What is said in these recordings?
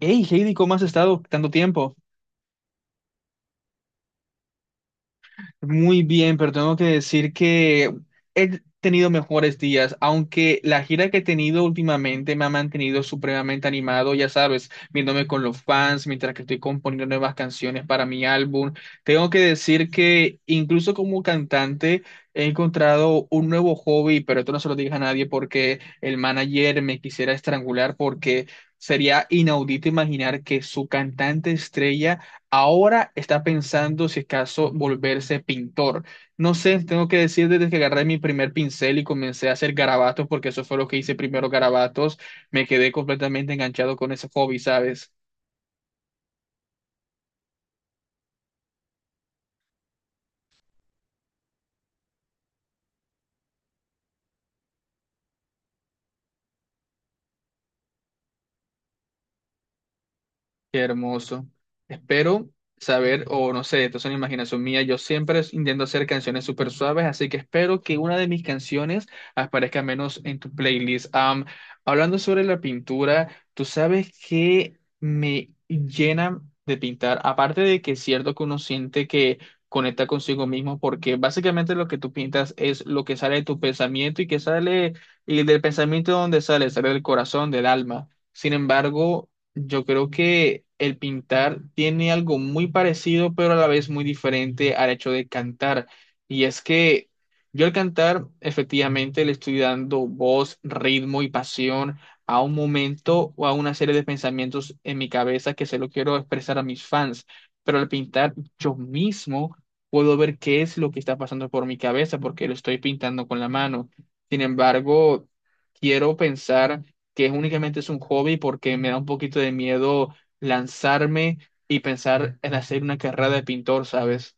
Hey, Heidi, ¿cómo has estado tanto tiempo? Muy bien, pero tengo que decir que he tenido mejores días, aunque la gira que he tenido últimamente me ha mantenido supremamente animado, ya sabes, viéndome con los fans mientras que estoy componiendo nuevas canciones para mi álbum. Tengo que decir que incluso como cantante he encontrado un nuevo hobby, pero esto no se lo digas a nadie porque el manager me quisiera estrangular porque sería inaudito imaginar que su cantante estrella ahora está pensando si es caso volverse pintor. No sé, tengo que decir desde que agarré mi primer pincel y comencé a hacer garabatos, porque eso fue lo que hice primero, garabatos, me quedé completamente enganchado con ese hobby, ¿sabes? Qué hermoso. Espero saber, o no sé, esto es una imaginación mía. Yo siempre intento hacer canciones súper suaves, así que espero que una de mis canciones aparezca menos en tu playlist. Hablando sobre la pintura, tú sabes que me llena de pintar. Aparte de que es cierto que uno siente que conecta consigo mismo, porque básicamente lo que tú pintas es lo que sale de tu pensamiento y que sale, y del pensamiento donde sale, sale del corazón, del alma. Sin embargo, yo creo que el pintar tiene algo muy parecido, pero a la vez muy diferente al hecho de cantar. Y es que yo al cantar, efectivamente, le estoy dando voz, ritmo y pasión a un momento o a una serie de pensamientos en mi cabeza que se lo quiero expresar a mis fans. Pero al pintar, yo mismo puedo ver qué es lo que está pasando por mi cabeza porque lo estoy pintando con la mano. Sin embargo, quiero pensar que es únicamente es un hobby porque me da un poquito de miedo lanzarme y pensar en hacer una carrera de pintor, ¿sabes?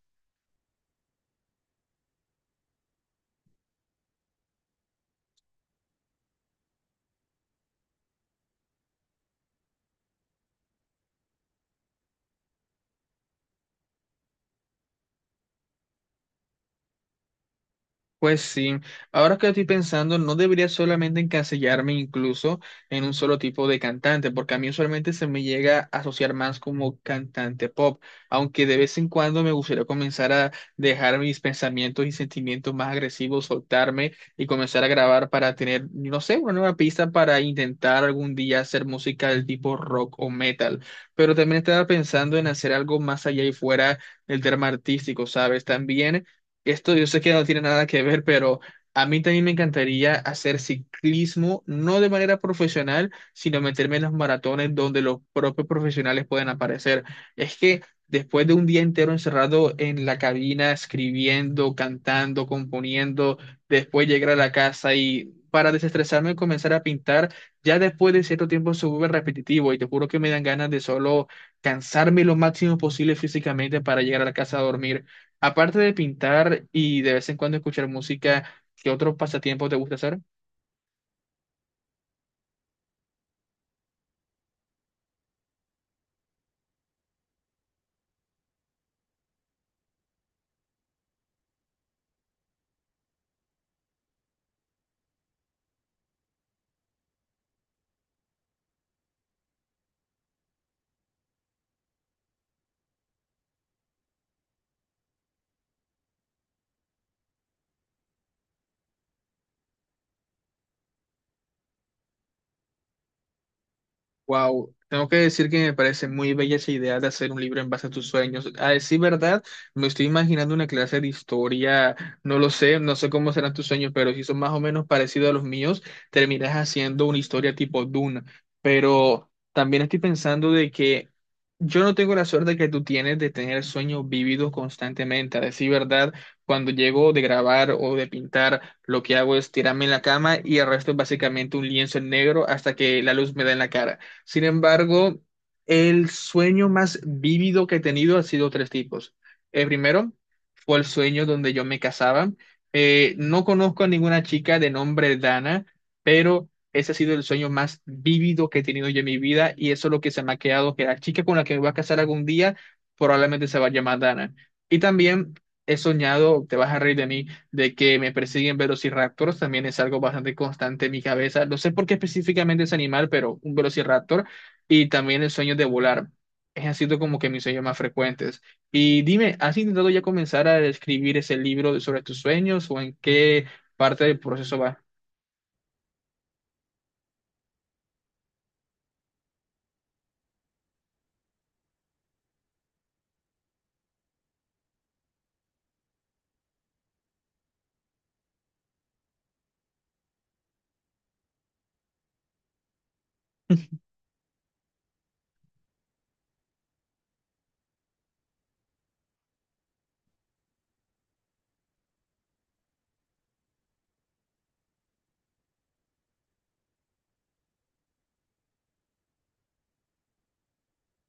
Pues sí, ahora que estoy pensando, no debería solamente encasillarme incluso en un solo tipo de cantante, porque a mí usualmente se me llega a asociar más como cantante pop, aunque de vez en cuando me gustaría comenzar a dejar mis pensamientos y sentimientos más agresivos, soltarme y comenzar a grabar para tener, no sé, una nueva pista para intentar algún día hacer música del tipo rock o metal. Pero también estaba pensando en hacer algo más allá y fuera del tema artístico, ¿sabes? También esto yo sé que no tiene nada que ver, pero a mí también me encantaría hacer ciclismo, no de manera profesional, sino meterme en los maratones donde los propios profesionales pueden aparecer. Es que después de un día entero encerrado en la cabina, escribiendo, cantando, componiendo, después llegar a la casa y para desestresarme comenzar a pintar, ya después de cierto tiempo se vuelve repetitivo y te juro que me dan ganas de solo cansarme lo máximo posible físicamente para llegar a la casa a dormir. Aparte de pintar y de vez en cuando escuchar música, ¿qué otros pasatiempos te gusta hacer? Wow, tengo que decir que me parece muy bella esa idea de hacer un libro en base a tus sueños. A decir verdad, me estoy imaginando una clase de historia, no lo sé, no sé cómo serán tus sueños, pero si son más o menos parecidos a los míos, terminas haciendo una historia tipo Dune. Pero también estoy pensando de que yo no tengo la suerte que tú tienes de tener sueños vívidos constantemente. A decir verdad, cuando llego de grabar o de pintar, lo que hago es tirarme en la cama y el resto es básicamente un lienzo en negro hasta que la luz me da en la cara. Sin embargo, el sueño más vívido que he tenido ha sido tres tipos. El primero fue el sueño donde yo me casaba. No conozco a ninguna chica de nombre Dana, pero ese ha sido el sueño más vívido que he tenido yo en mi vida y eso es lo que se me ha quedado, que la chica con la que me voy a casar algún día probablemente se va a llamar Dana. Y también he soñado, te vas a reír de mí, de que me persiguen velociraptors también es algo bastante constante en mi cabeza. No sé por qué específicamente ese animal, pero un velociraptor y también el sueño de volar. Es han sido como que mis sueños más frecuentes. Y dime, ¿has intentado ya comenzar a escribir ese libro sobre tus sueños o en qué parte del proceso va?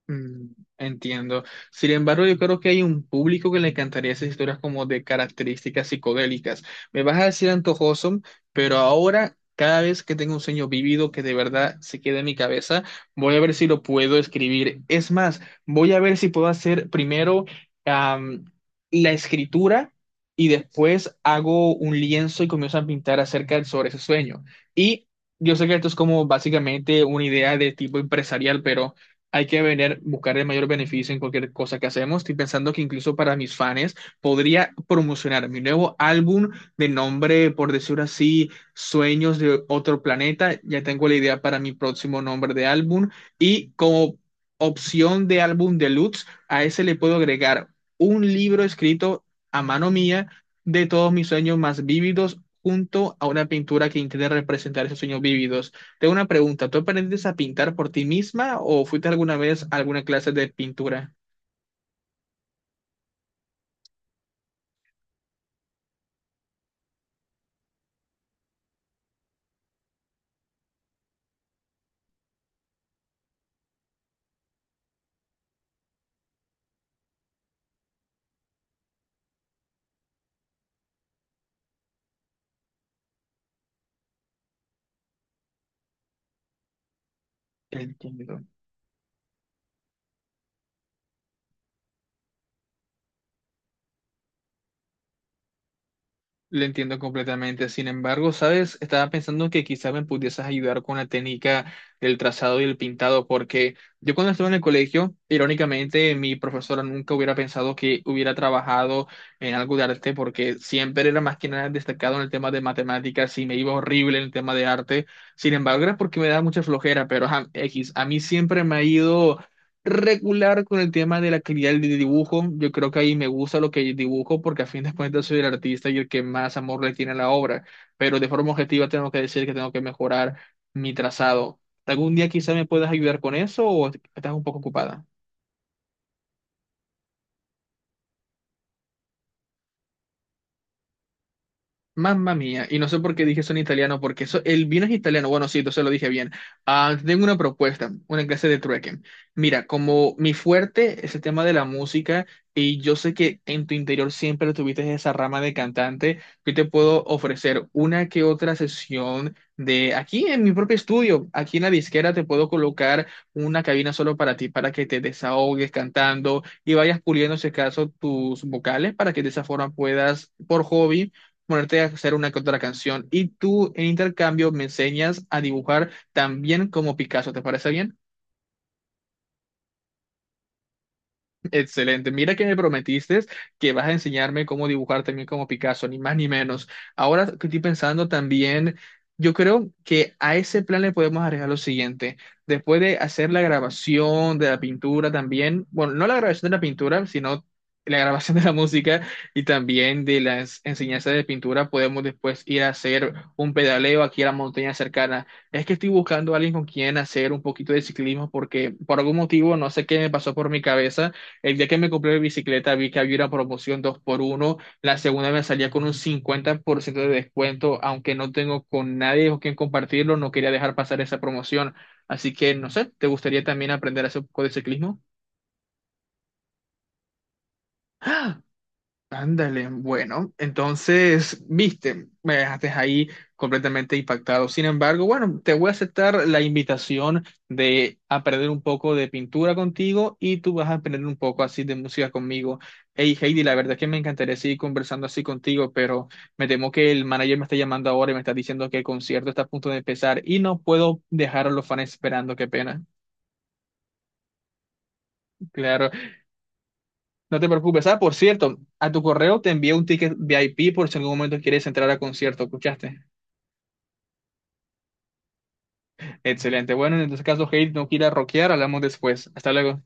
Mm. Entiendo. Sin embargo, yo creo que hay un público que le encantaría esas historias como de características psicodélicas. Me vas a decir antojoso, pero ahora, cada vez que tengo un sueño vívido que de verdad se quede en mi cabeza, voy a ver si lo puedo escribir. Es más, voy a ver si puedo hacer primero am, la escritura y después hago un lienzo y comienzo a pintar acerca sobre ese sueño. Y yo sé que esto es como básicamente una idea de tipo empresarial, pero... Hay que venir, buscar el mayor beneficio en cualquier cosa que hacemos. Estoy pensando que incluso para mis fans podría promocionar mi nuevo álbum de nombre, por decirlo así, Sueños de otro planeta. Ya tengo la idea para mi próximo nombre de álbum. Y como opción de álbum deluxe, a ese le puedo agregar un libro escrito a mano mía de todos mis sueños más vívidos junto a una pintura que intente representar esos sueños vívidos. Tengo una pregunta, ¿tú aprendiste a pintar por ti misma o fuiste alguna vez a alguna clase de pintura? Entiendo. Lo entiendo completamente. Sin embargo, ¿sabes? Estaba pensando que quizá me pudieses ayudar con la técnica del trazado y el pintado, porque yo cuando estuve en el colegio, irónicamente, mi profesora nunca hubiera pensado que hubiera trabajado en algo de arte, porque siempre era más que nada destacado en el tema de matemáticas y me iba horrible en el tema de arte. Sin embargo, era porque me daba mucha flojera, pero ajá, X, a mí siempre me ha ido regular con el tema de la calidad del dibujo. Yo creo que ahí me gusta lo que dibujo porque a fin de cuentas soy el artista y el que más amor le tiene a la obra. Pero de forma objetiva tengo que decir que tengo que mejorar mi trazado. ¿Algún día quizás me puedas ayudar con eso o estás un poco ocupada? Mamma mía, y no sé por qué dije eso en italiano, porque eso, el vino es italiano, bueno, sí, entonces lo dije bien. Ah, tengo una propuesta, una clase de trueque. Mira, como mi fuerte es el tema de la música, y yo sé que en tu interior siempre tuviste esa rama de cantante, yo te puedo ofrecer una que otra sesión de aquí en mi propio estudio, aquí en la disquera te puedo colocar una cabina solo para ti, para que te desahogues cantando y vayas puliendo, si acaso, tus vocales, para que de esa forma puedas, por hobby, ponerte a hacer una que otra canción y tú en intercambio me enseñas a dibujar también como Picasso, ¿te parece bien? Excelente. Mira que me prometiste que vas a enseñarme cómo dibujar también como Picasso, ni más ni menos. Ahora que estoy pensando también, yo creo que a ese plan le podemos agregar lo siguiente. Después de hacer la grabación de la pintura también, bueno, no la grabación de la pintura, sino la grabación de la música y también de las enseñanzas de pintura, podemos después ir a hacer un pedaleo aquí a la montaña cercana. Es que estoy buscando a alguien con quien hacer un poquito de ciclismo porque por algún motivo, no sé qué me pasó por mi cabeza el día que me compré mi bicicleta vi que había una promoción dos por uno, la segunda me salía con un 50% de descuento, aunque no tengo con nadie con quien compartirlo, no quería dejar pasar esa promoción. Así que, no sé, ¿te gustaría también aprender a hacer un poco de ciclismo? ¡Ah! Ándale, bueno, entonces, viste, me dejaste ahí completamente impactado. Sin embargo, bueno, te voy a aceptar la invitación de aprender un poco de pintura contigo y tú vas a aprender un poco así de música conmigo. Hey, Heidi, la verdad es que me encantaría seguir conversando así contigo, pero me temo que el manager me está llamando ahora y me está diciendo que el concierto está a punto de empezar y no puedo dejar a los fans esperando, qué pena. Claro, no te preocupes. Ah, por cierto, a tu correo te envié un ticket VIP por si en algún momento quieres entrar a concierto, ¿escuchaste? Excelente. Bueno, en este caso, Hate no quiera rockear, hablamos después. Hasta luego.